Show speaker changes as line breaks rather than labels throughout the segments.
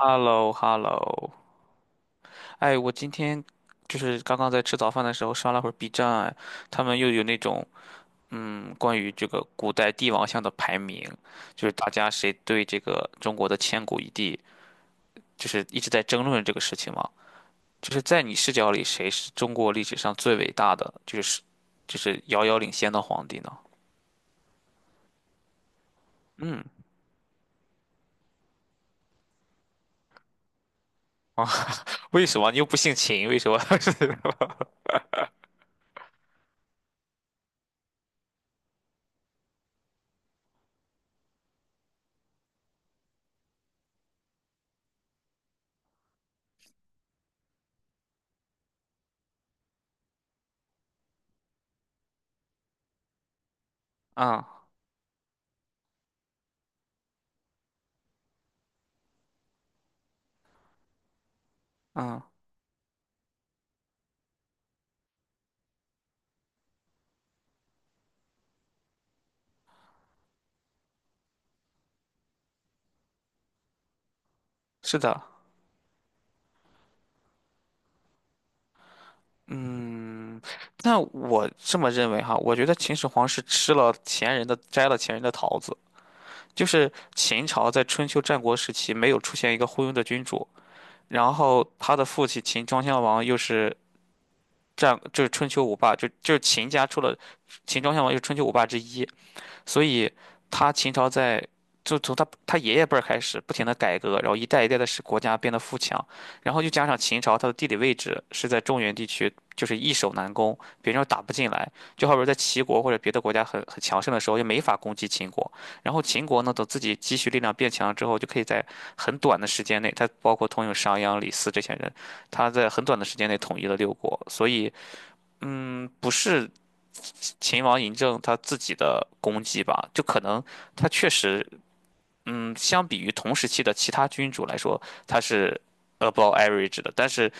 h e l l o h e l l o 哎，我今天就是刚刚在吃早饭的时候刷了会儿 B 站啊，哎他们又有那种关于这个古代帝王像的排名，就是大家谁对这个中国的千古一帝，就是一直在争论这个事情嘛。就是在你视角里，谁是中国历史上最伟大的，就是遥遥领先的皇帝呢？啊，为什么你又不姓秦？为什么？是。嗯嗯。是的。嗯，那我这么认为哈，我觉得秦始皇是吃了前人的，摘了前人的桃子。就是秦朝在春秋战国时期没有出现一个昏庸的君主，然后他的父亲秦庄襄王又是就是春秋五霸，就是秦家出了秦庄襄王又是春秋五霸之一，所以他秦朝在就从他爷爷辈儿开始不停的改革，然后一代一代的使国家变得富强，然后又加上秦朝它的地理位置是在中原地区，就是易守难攻，别人又打不进来，就好比在齐国或者别的国家很强盛的时候，就没法攻击秦国，然后秦国呢，等自己积蓄力量变强之后，就可以在很短的时间内，他包括通用商鞅、李斯这些人，他在很短的时间内统一了六国，所以不是。秦王嬴政他自己的功绩吧，就可能他确实，嗯，相比于同时期的其他君主来说，他是 above average 的，但是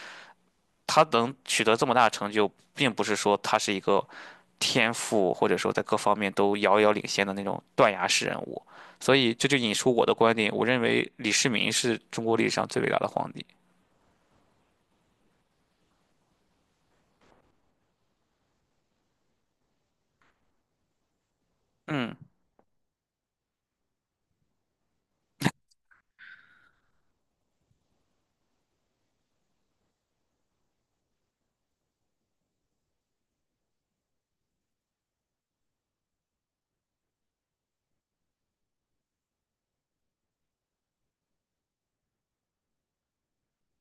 他能取得这么大的成就，并不是说他是一个天赋或者说在各方面都遥遥领先的那种断崖式人物，所以这就引出我的观点，我认为李世民是中国历史上最伟大的皇帝。嗯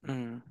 嗯。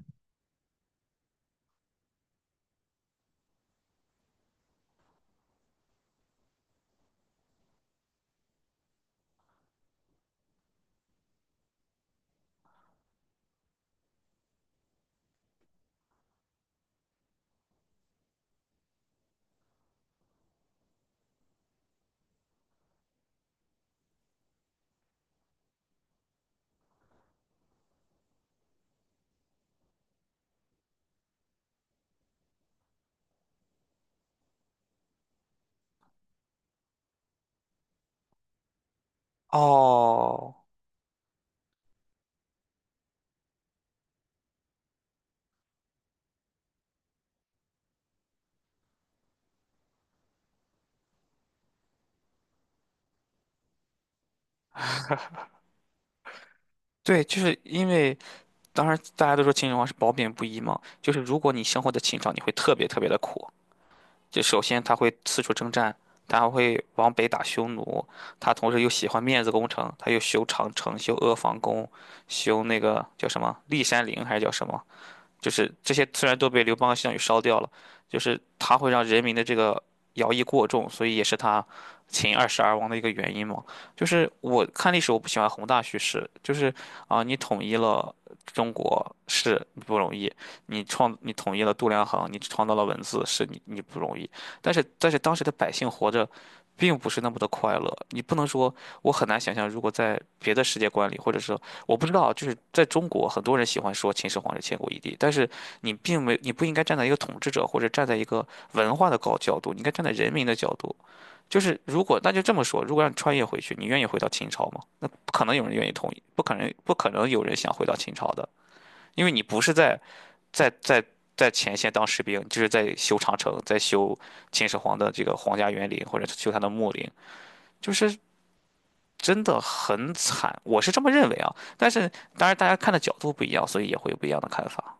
哦。对，就是因为。当然，大家都说秦始皇是褒贬不一嘛，就是如果你生活在秦朝，你会特别特别的苦。就首先他会四处征战，他还会往北打匈奴，他同时又喜欢面子工程，他又修长城、修阿房宫、修那个叫什么骊山陵还是叫什么？就是这些虽然都被刘邦和项羽烧掉了，就是他会让人民的这个徭役过重，所以也是他秦二世而亡的一个原因嘛。就是我看历史，我不喜欢宏大叙事，就是啊，你统一了中国是你不容易，你创你统一了度量衡，你创造了文字是你不容易，但是当时的百姓活着。并不是那么的快乐，你不能说我很难想象，如果在别的世界观里，或者是我不知道，就是在中国，很多人喜欢说秦始皇是千古一帝，但是你并没，你不应该站在一个统治者或者站在一个文化的高角度，你应该站在人民的角度。就是如果那就这么说，如果让你穿越回去，你愿意回到秦朝吗？那不可能有人愿意同意，不可能，不可能有人想回到秦朝的，因为你不是在在在前线当士兵，你就是在修长城，在修秦始皇的这个皇家园林或者修他的墓陵，就是真的很惨，我是这么认为啊。但是当然大家看的角度不一样，所以也会有不一样的看法。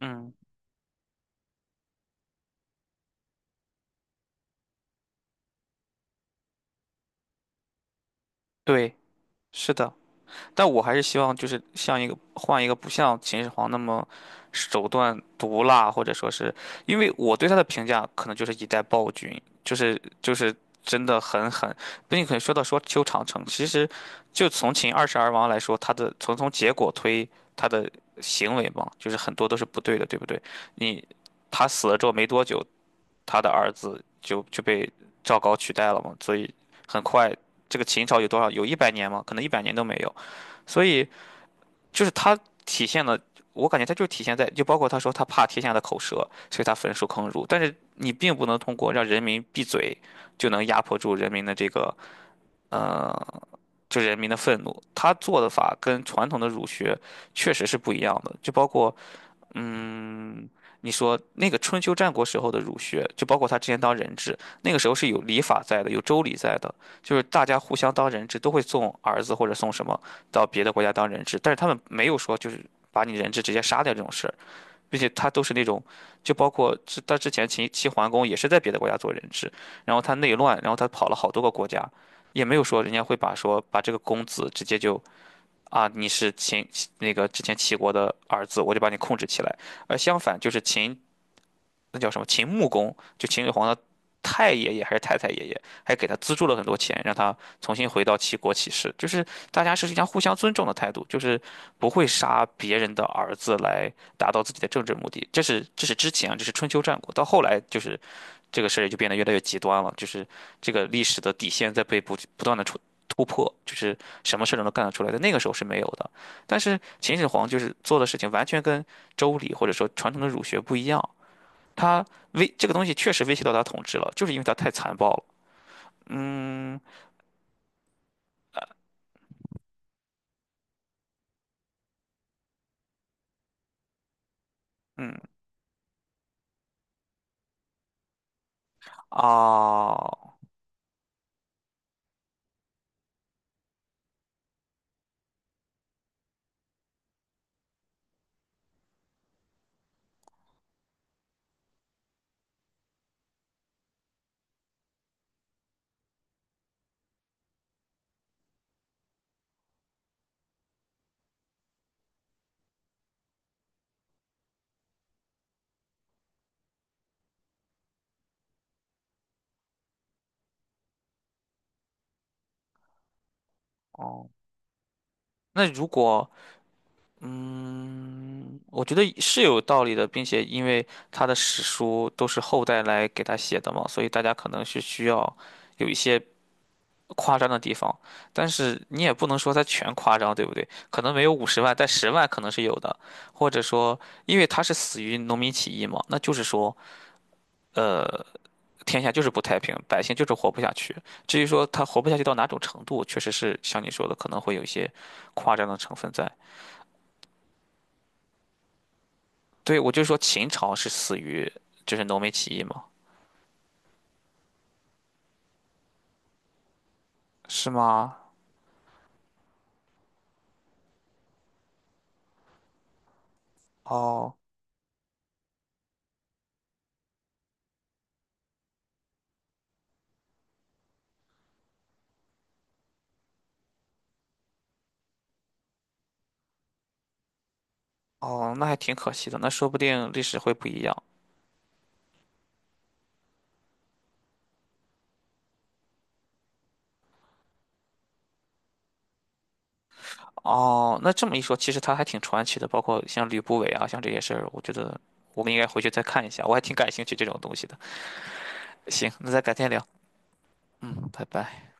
嗯。对，是的。但我还是希望就是像一个换一个不像秦始皇那么手段毒辣，或者说是因为我对他的评价可能就是一代暴君，就是真的很狠。可且说到说修长城，其实就从秦二世而亡来说，他的从结果推他的行为嘛，就是很多都是不对的，对不对？你他死了之后没多久，他的儿子就被赵高取代了嘛，所以很快这个秦朝有多少？有一百年吗？可能一百年都没有。所以就是他体现了，我感觉他就体现在，就包括他说他怕天下的口舌，所以他焚书坑儒。但是你并不能通过让人民闭嘴，就能压迫住人民的这个呃，就人民的愤怒。他做的法跟传统的儒学确实是不一样的，就包括嗯，你说那个春秋战国时候的儒学，就包括他之前当人质，那个时候是有礼法在的，有周礼在的，就是大家互相当人质都会送儿子或者送什么到别的国家当人质，但是他们没有说就是把你人质直接杀掉这种事儿，并且他都是那种，就包括他之前秦齐桓公也是在别的国家做人质，然后他内乱，然后他跑了好多个国家，也没有说人家会把说把这个公子直接就啊，你是秦那个之前齐国的儿子，我就把你控制起来。而相反，就是秦那叫什么秦穆公，就秦始皇的太爷爷还是太太爷爷，还给他资助了很多钱，让他重新回到齐国起事。就是大家是一样互相尊重的态度，就是不会杀别人的儿子来达到自己的政治目的。这是之前啊这是春秋战国，到后来就是这个事儿就变得越来越极端了，就是这个历史的底线在被不断的突破，就是什么事儿都能干得出来，在那个时候是没有的。但是秦始皇就是做的事情完全跟周礼或者说传统的儒学不一样，他这个东西确实威胁到他统治了，就是因为他太残暴了。嗯嗯。啊。哦。那如果嗯，我觉得是有道理的，并且因为他的史书都是后代来给他写的嘛，所以大家可能是需要有一些。夸张的地方，但是你也不能说它全夸张，对不对？可能没有50万，但十万可能是有的。或者说，因为他是死于农民起义嘛，那就是说，呃，天下就是不太平，百姓就是活不下去。至于说他活不下去到哪种程度，确实是像你说的，可能会有一些夸张的成分在。对，我就说秦朝是死于就是农民起义嘛，是吗？哦哦，那还挺可惜的，那说不定历史会不一样。哦，那这么一说，其实他还挺传奇的，包括像吕不韦啊，像这些事儿，我觉得我们应该回去再看一下，我还挺感兴趣这种东西的。行，那咱改天聊，嗯，拜拜。